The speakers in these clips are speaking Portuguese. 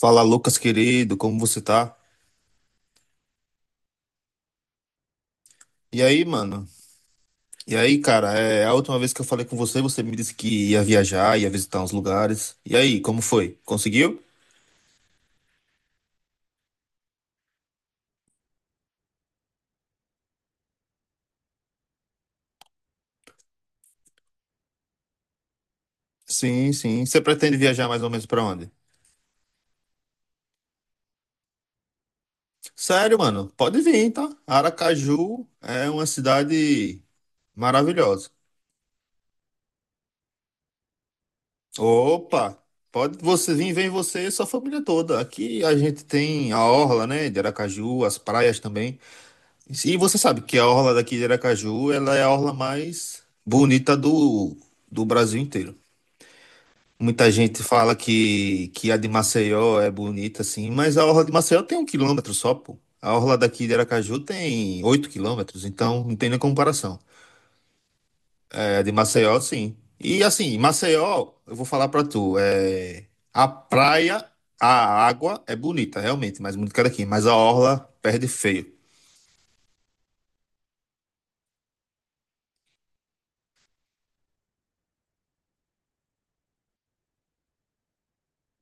Fala, Lucas, querido, como você tá? E aí, mano? E aí, cara, é a última vez que eu falei com você, você me disse que ia viajar, ia visitar uns lugares. E aí, como foi? Conseguiu? Sim, sim. Você pretende viajar mais ou menos pra onde? Sério, mano, pode vir, tá? Aracaju é uma cidade maravilhosa. Opa, pode você vir, vem você e sua família toda. Aqui a gente tem a orla, né, de Aracaju, as praias também. E você sabe que a orla daqui de Aracaju, ela é a orla mais bonita do Brasil inteiro. Muita gente fala que a de Maceió é bonita, assim, mas a orla de Maceió tem 1 quilômetro só, pô. A orla daqui de Aracaju tem 8 quilômetros, então não tem nem comparação. É, a de Maceió, sim. E assim, Maceió, eu vou falar pra tu, a praia, a água é bonita, realmente, mais bonita que a daqui, mas a orla perde feio.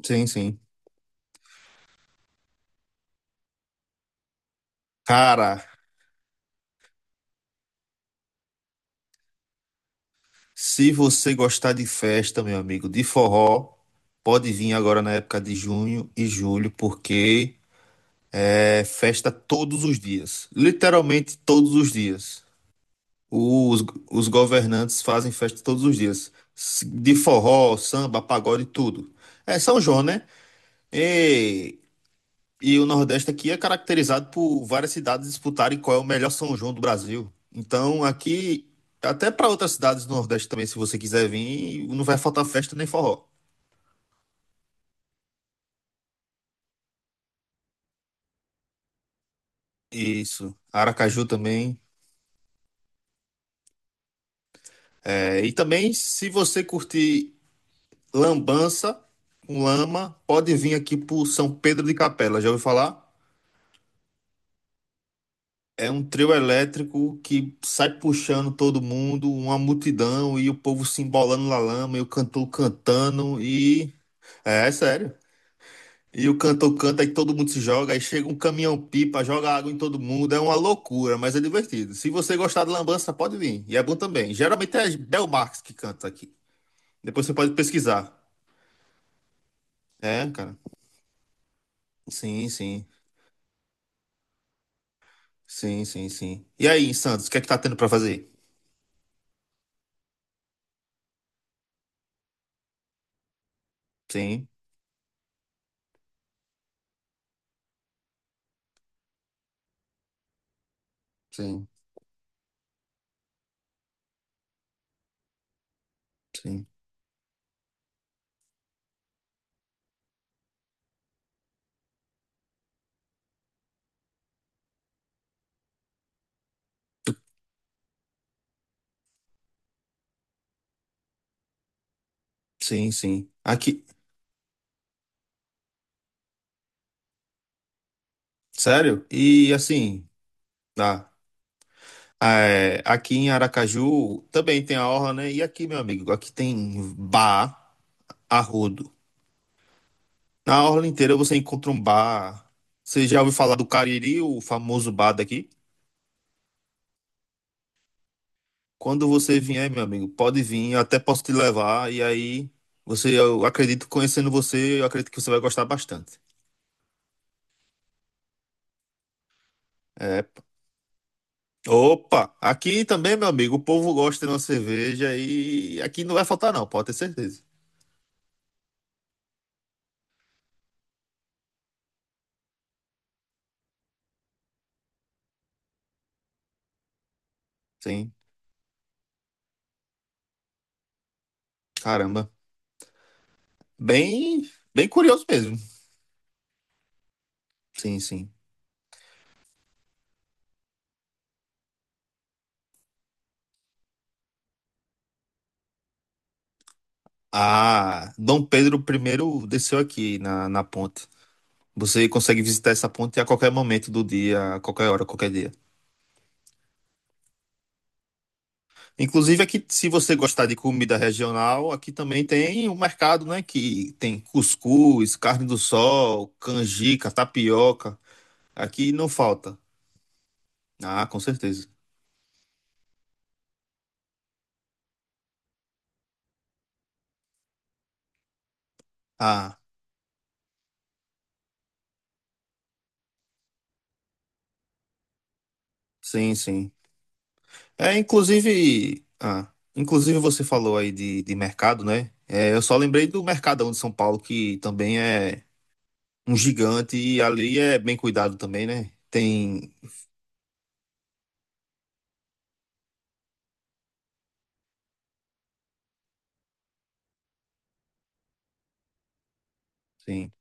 Sim, sim. Cara, se você gostar de festa, meu amigo, de forró, pode vir agora na época de junho e julho, porque é festa todos os dias. Literalmente todos os dias. Os, os governantes fazem festa todos os dias. De forró, samba, pagode, tudo. É São João, né? E e o Nordeste aqui é caracterizado por várias cidades disputarem qual é o melhor São João do Brasil. Então, aqui, até para outras cidades do Nordeste também, se você quiser vir, não vai faltar festa nem forró. Isso. Aracaju também. É, e também, se você curtir lambança com lama, pode vir aqui pro São Pedro de Capela. Já ouviu falar? É um trio elétrico que sai puxando todo mundo, uma multidão, e o povo se embolando na lama, e o cantor cantando, e... É, é sério. E o cantor canta e todo mundo se joga, aí chega um caminhão-pipa, joga água em todo mundo, é uma loucura, mas é divertido. Se você gostar de lambança, pode vir, e é bom também. Geralmente é Bel Marques que canta aqui. Depois você pode pesquisar. É, cara. Sim, sim. Sim, sim, sim. E aí, Santos, o que é que tá tendo pra fazer? Sim, sim, sim. Sim, sim. Aqui. Sério? E assim, tá. É, aqui em Aracaju também tem a orla, né? E aqui, meu amigo, aqui tem bar, arrodo. Na orla inteira você encontra um bar. Você já ouviu falar do Cariri, o famoso bar daqui? Quando você vier, meu amigo, pode vir, eu até posso te levar. E aí, você, eu acredito, conhecendo você, eu acredito que você vai gostar bastante. É. Opa! Aqui também, meu amigo, o povo gosta de uma cerveja e aqui não vai faltar, não, pode ter certeza. Sim, caramba. Bem, bem curioso mesmo. Sim, sim. Ah, Dom Pedro I desceu aqui na ponte. Você consegue visitar essa ponte a qualquer momento do dia, a qualquer hora, qualquer dia. Inclusive aqui, se você gostar de comida regional, aqui também tem um mercado, né, que tem cuscuz, carne do sol, canjica, tapioca. Aqui não falta. Ah, com certeza. Ah, sim, sim. É, inclusive, ah, inclusive você falou aí de mercado, né? É, eu só lembrei do Mercadão de São Paulo, que também é um gigante e ali é bem cuidado também, né? Tem sim.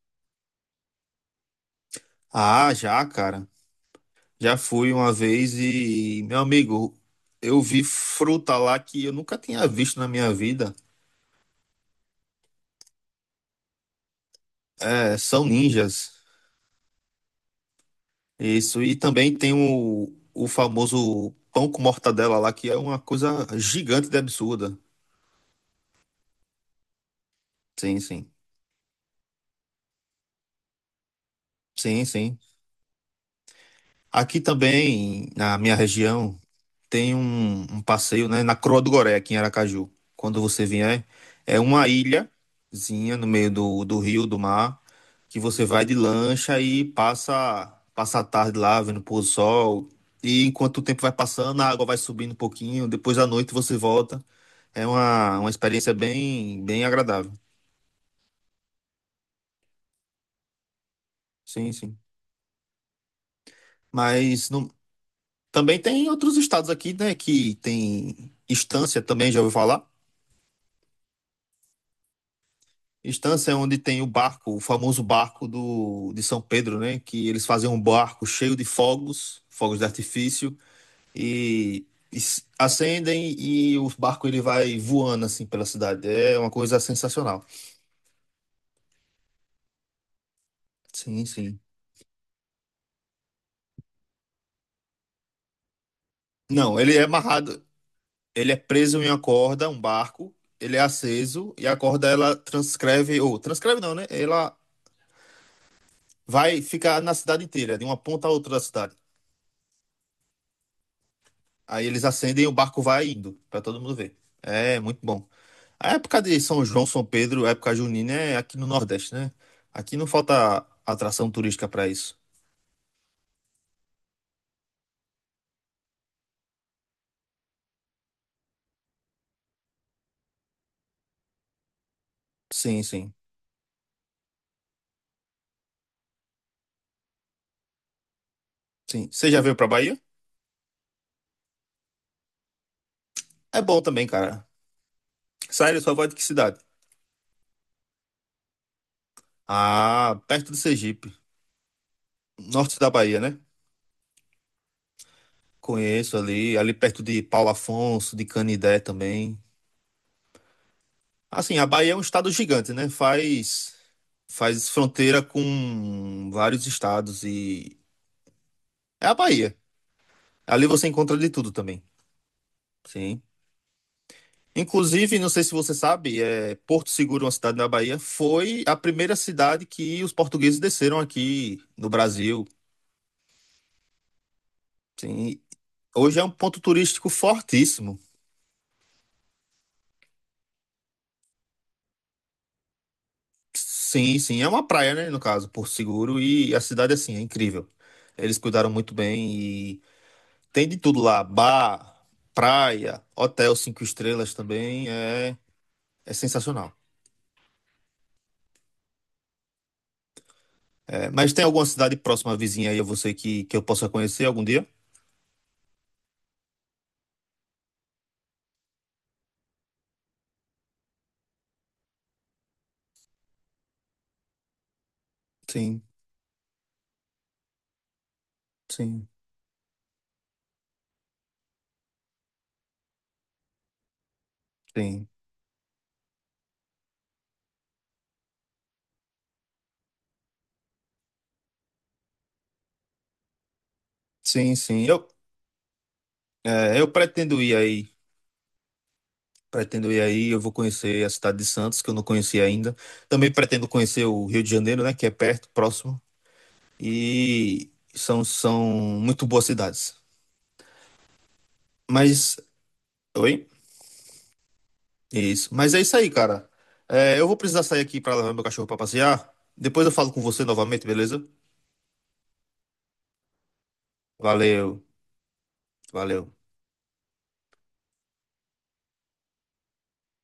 Ah, já, cara. Já fui uma vez e, meu amigo, eu vi fruta lá que eu nunca tinha visto na minha vida. É, são ninjas. Isso. E também tem o famoso pão com mortadela lá, que é uma coisa gigante de absurda. Sim, sim. Sim, sim. Aqui também, na minha região, tem um passeio, né, na Croa do Goré, aqui em Aracaju. Quando você vier, é uma ilhazinha no meio do rio, do mar, que você vai de lancha e passa a tarde lá, vendo o pôr do sol. E enquanto o tempo vai passando, a água vai subindo um pouquinho, depois à noite você volta. É uma experiência bem agradável. Sim, sim. Mas não- também tem outros estados aqui, né, que tem Estância também, já ouviu falar? Estância é onde tem o barco, o famoso barco do, de São Pedro, né? Que eles fazem um barco cheio de fogos, fogos de artifício, e, acendem e o barco ele vai voando assim pela cidade. É uma coisa sensacional. Sim, sim. Não, ele é amarrado, ele é preso em uma corda, um barco, ele é aceso e a corda ela transcreve, ou transcreve não, né? Ela vai ficar na cidade inteira, de uma ponta a outra da cidade. Aí eles acendem e o barco vai indo, pra todo mundo ver. É muito bom. A época de São João, São Pedro, a época junina é aqui no Nordeste, né? Aqui não falta atração turística pra isso. Sim, sim, sim. Você já veio pra Bahia? É bom também, cara. Sério, sua voz de que cidade? Ah, perto do Sergipe, norte da Bahia, né? Conheço ali perto de Paulo Afonso, de Canidé também. Assim, a Bahia é um estado gigante, né? Faz fronteira com vários estados e é a Bahia. Ali você encontra de tudo também. Sim. Inclusive, não sei se você sabe, é, Porto Seguro, uma cidade na Bahia, foi a primeira cidade que os portugueses desceram aqui no Brasil. Sim, hoje é um ponto turístico fortíssimo. Sim, sim, é uma praia, né, no caso, Porto Seguro, e a cidade, assim, é incrível. Eles cuidaram muito bem e tem de tudo lá, bar, praia, hotel 5 estrelas também, é, é sensacional. É, mas tem alguma cidade próxima, vizinha aí a você que eu possa conhecer algum dia? Sim, sim, sim. Sim, sim. É, eu pretendo ir aí. Pretendo ir aí. Eu vou conhecer a cidade de Santos, que eu não conheci ainda. Também pretendo conhecer o Rio de Janeiro, né? Que é perto, próximo. E são muito boas cidades. Mas. Oi? Isso. Mas é isso aí, cara. É, eu vou precisar sair aqui para levar meu cachorro para passear. Depois eu falo com você novamente, beleza? Valeu. Valeu.